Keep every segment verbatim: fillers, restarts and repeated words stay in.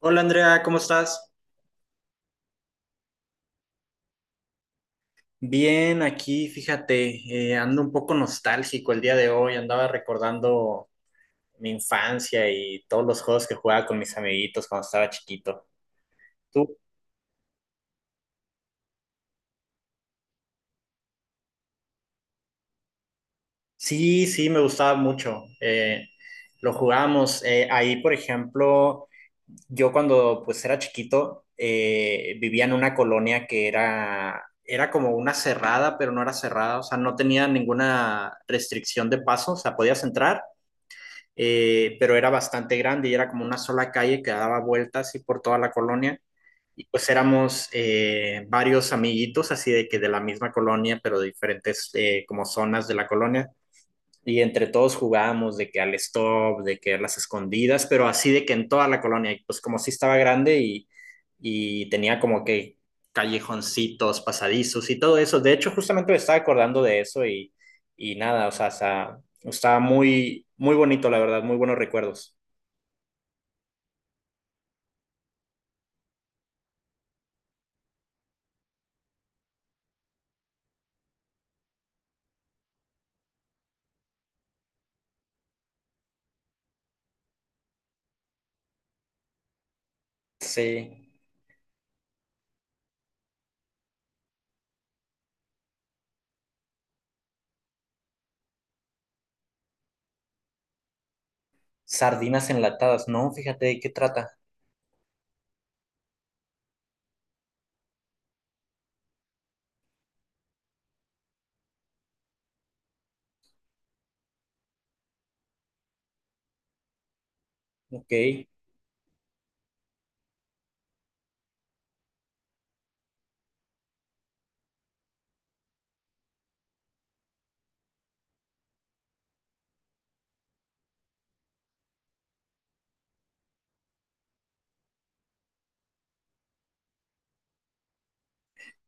Hola Andrea, ¿cómo estás? Bien, aquí fíjate, eh, ando un poco nostálgico el día de hoy, andaba recordando mi infancia y todos los juegos que jugaba con mis amiguitos cuando estaba chiquito. ¿Tú? Sí, sí, me gustaba mucho. Eh, lo jugábamos eh, ahí, por ejemplo, yo cuando pues era chiquito eh, vivía en una colonia que era, era como una cerrada, pero no era cerrada, o sea, no tenía ninguna restricción de paso, o sea, podías entrar, eh, pero era bastante grande y era como una sola calle que daba vueltas así por toda la colonia. Y pues éramos eh, varios amiguitos así de que de la misma colonia, pero de diferentes eh, como zonas de la colonia, y entre todos jugábamos de que al stop, de que a las escondidas, pero así de que en toda la colonia, y pues como sí estaba grande y, y tenía como que callejoncitos, pasadizos y todo eso. De hecho, justamente me estaba acordando de eso y, y nada, o sea, está, estaba muy, muy bonito, la verdad, muy buenos recuerdos. Sí, sardinas enlatadas, ¿no? Fíjate de qué trata. Ok,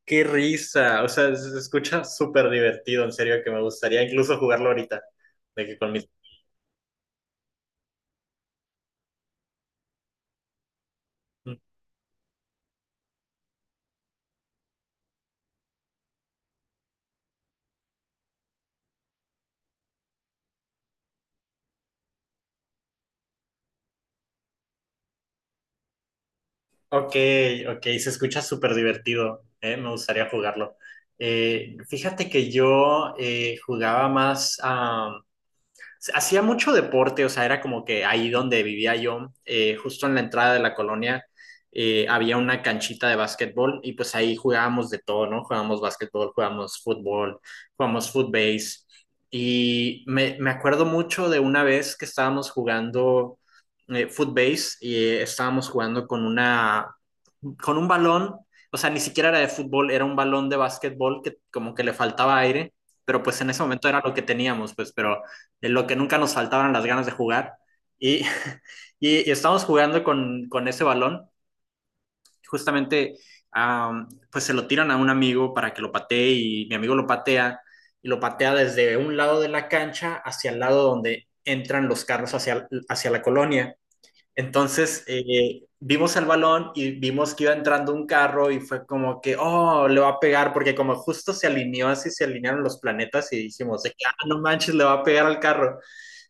qué risa, o sea, se se escucha súper divertido, en serio, que me gustaría incluso jugarlo ahorita, de que con mis... Ok, ok, se escucha súper divertido, eh, me gustaría jugarlo. Eh, fíjate que yo eh, jugaba más, ah, hacía mucho deporte, o sea, era como que ahí donde vivía yo, eh, justo en la entrada de la colonia, eh, había una canchita de básquetbol y pues ahí jugábamos de todo, ¿no? Jugábamos básquetbol, jugábamos fútbol, jugábamos footbase y me, me acuerdo mucho de una vez que estábamos jugando eh, footbase y eh, estábamos jugando con una, con un balón, o sea, ni siquiera era de fútbol, era un balón de básquetbol que como que le faltaba aire, pero pues en ese momento era lo que teníamos, pues, pero de lo que nunca nos faltaban las ganas de jugar. Y y, y estamos jugando con, con ese balón, justamente, um, pues se lo tiran a un amigo para que lo patee y mi amigo lo patea y lo patea desde un lado de la cancha hacia el lado donde entran los carros hacia, hacia la colonia. Entonces, eh, vimos el balón y vimos que iba entrando un carro y fue como que, oh, le va a pegar, porque como justo se alineó así, se alinearon los planetas y dijimos, de que, ah, no manches, le va a pegar al carro,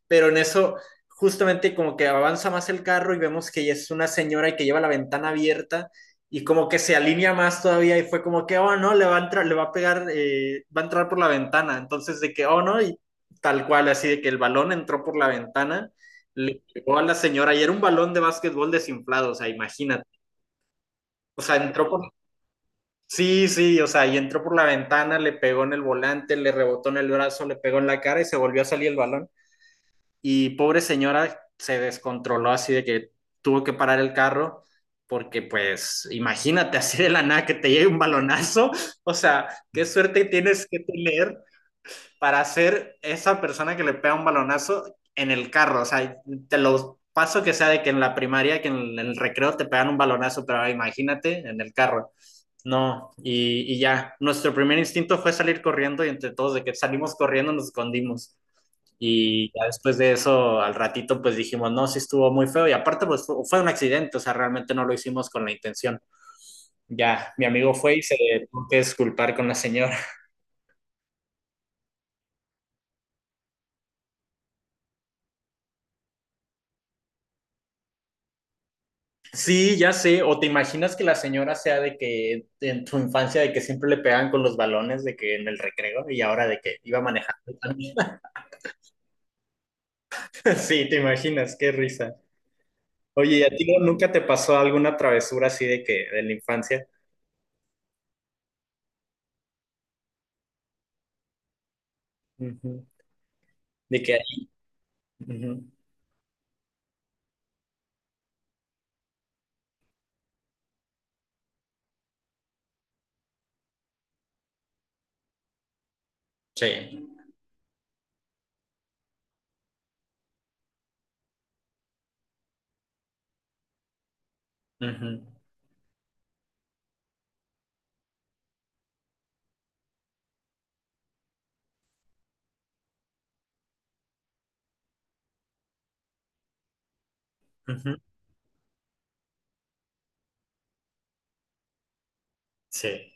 pero en eso justamente como que avanza más el carro y vemos que es una señora y que lleva la ventana abierta y como que se alinea más todavía y fue como que, oh, no, le va a entrar, le va a pegar, eh, va a entrar por la ventana. Entonces de que, oh, no, y tal cual, así de que el balón entró por la ventana, le pegó a la señora y era un balón de básquetbol desinflado, o sea, imagínate. O sea, entró por... Sí, sí, o sea, y entró por la ventana, le pegó en el volante, le rebotó en el brazo, le pegó en la cara y se volvió a salir el balón. Y pobre señora se descontroló así de que tuvo que parar el carro porque pues imagínate así de la nada que te llegue un balonazo, o sea, qué suerte tienes que tener para ser esa persona que le pega un balonazo en el carro, o sea, te lo paso que sea de que en la primaria, que en el recreo te pegan un balonazo, pero imagínate en el carro. No, y, y, ya, nuestro primer instinto fue salir corriendo y entre todos de que salimos corriendo nos escondimos. Y ya después de eso, al ratito, pues dijimos, no, sí estuvo muy feo. Y aparte, pues fu- fue un accidente, o sea, realmente no lo hicimos con la intención. Ya, mi amigo fue y se tuvo que disculpar con la señora. Sí, ya sé. O te imaginas que la señora sea de que en tu infancia, de que siempre le pegaban con los balones, de que en el recreo, y ahora de que iba manejando también. Sí, te imaginas, qué risa. Oye, ¿y a ti no- nunca te pasó alguna travesura así de que, de la infancia? Ujú. De que... ujú. Sí. Ujú. Ujú. Sí.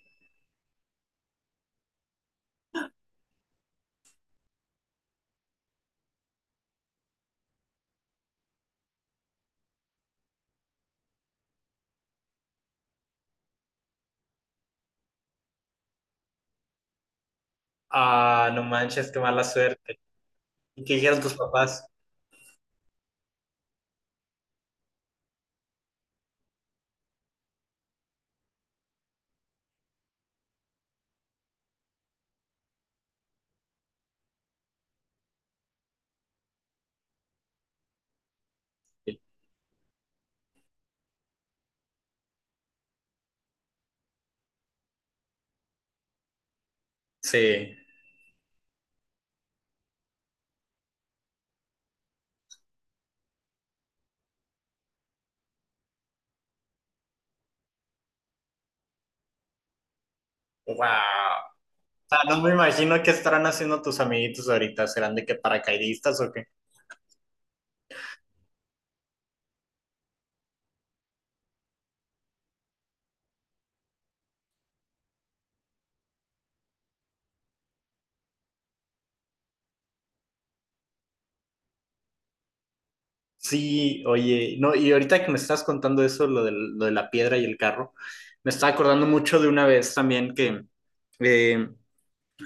Ah, no manches, qué mala suerte. ¿Y qué dijeron tus papás? Sí. Wow. O sea, no me imagino qué estarán haciendo tus amiguitos ahorita. ¿Serán de qué paracaidistas o qué? Sí, oye, no, y ahorita que me estás contando eso, lo de lo de la piedra y el carro, me estaba acordando mucho de una vez también que eh,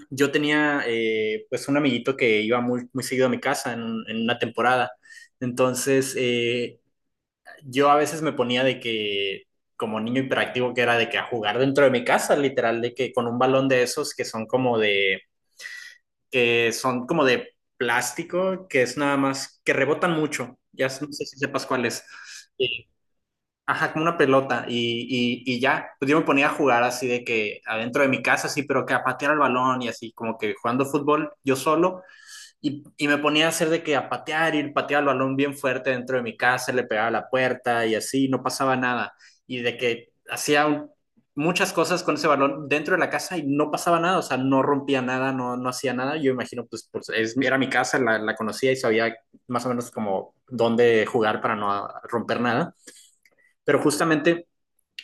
yo tenía eh, pues un amiguito que iba muy, muy seguido a mi casa en, un- en una temporada. Entonces, eh, yo a veces me ponía de que, como niño hiperactivo que era, de que a jugar dentro de mi casa, literal, de que con un balón de esos que son como de, que son como de plástico, que es nada más, que rebotan mucho, ya no sé si sepas cuál es. Y- Ajá, como una pelota y, y, y ya, pues yo me ponía a jugar así de que adentro de mi casa, sí, pero que a patear el balón y así, como que jugando fútbol yo solo y, y me ponía a hacer de que a patear, ir patear el balón bien fuerte dentro de mi casa, le pegaba a la puerta y así, no pasaba nada. Y de que hacía un- muchas cosas con ese balón dentro de la casa y no pasaba nada, o sea, no rompía nada, no, no hacía nada. Yo imagino, pues, pues, es, era mi casa, la, la conocía y sabía más o menos como dónde jugar para no romper nada. Pero justamente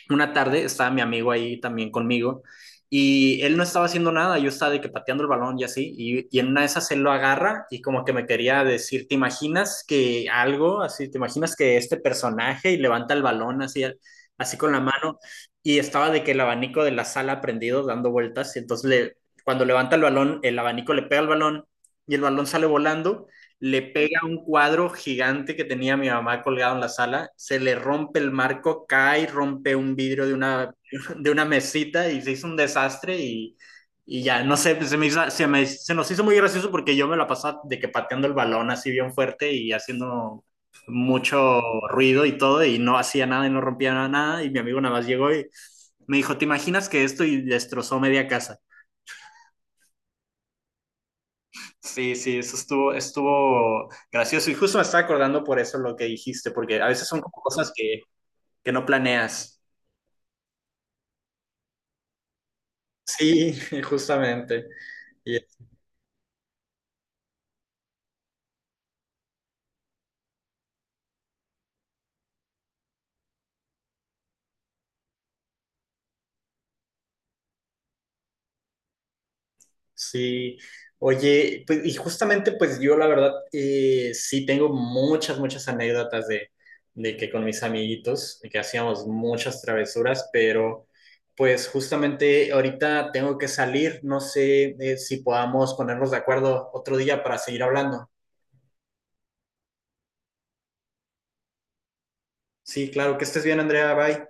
una tarde estaba mi amigo ahí también conmigo y él no estaba haciendo nada, yo estaba de que pateando el balón y así, y, y en una de esas él lo agarra y como que me quería decir, ¿te imaginas que algo así, te imaginas que este personaje? Y levanta el balón así, así con la mano y estaba de que el abanico de la sala prendido dando vueltas y entonces le, cuando levanta el balón, el abanico le pega al balón y el balón sale volando, le pega un cuadro gigante que tenía mi mamá colgado en la sala, se le rompe el marco, cae, rompe un vidrio de una, de una mesita y se hizo un desastre y, y ya, no sé, se, me hizo- se, me- se nos hizo muy gracioso porque yo me la pasaba de que pateando el balón así bien fuerte y haciendo mucho ruido y todo y no hacía nada y no rompía nada nada y mi amigo nada más llegó y me dijo, ¿te imaginas que esto? Y destrozó media casa. Sí, sí, eso estuvo, estuvo gracioso. Y justo me estaba acordando por eso lo que dijiste, porque a veces son como cosas que, que no planeas. Sí, justamente. Y- sí. Oye, pues, y justamente, pues yo la verdad eh, sí tengo muchas, muchas anécdotas de, de que con mis amiguitos, de que hacíamos muchas travesuras, pero pues justamente ahorita tengo que salir. No sé eh, si podamos ponernos de acuerdo otro día para seguir hablando. Sí, claro, que estés bien, Andrea, bye.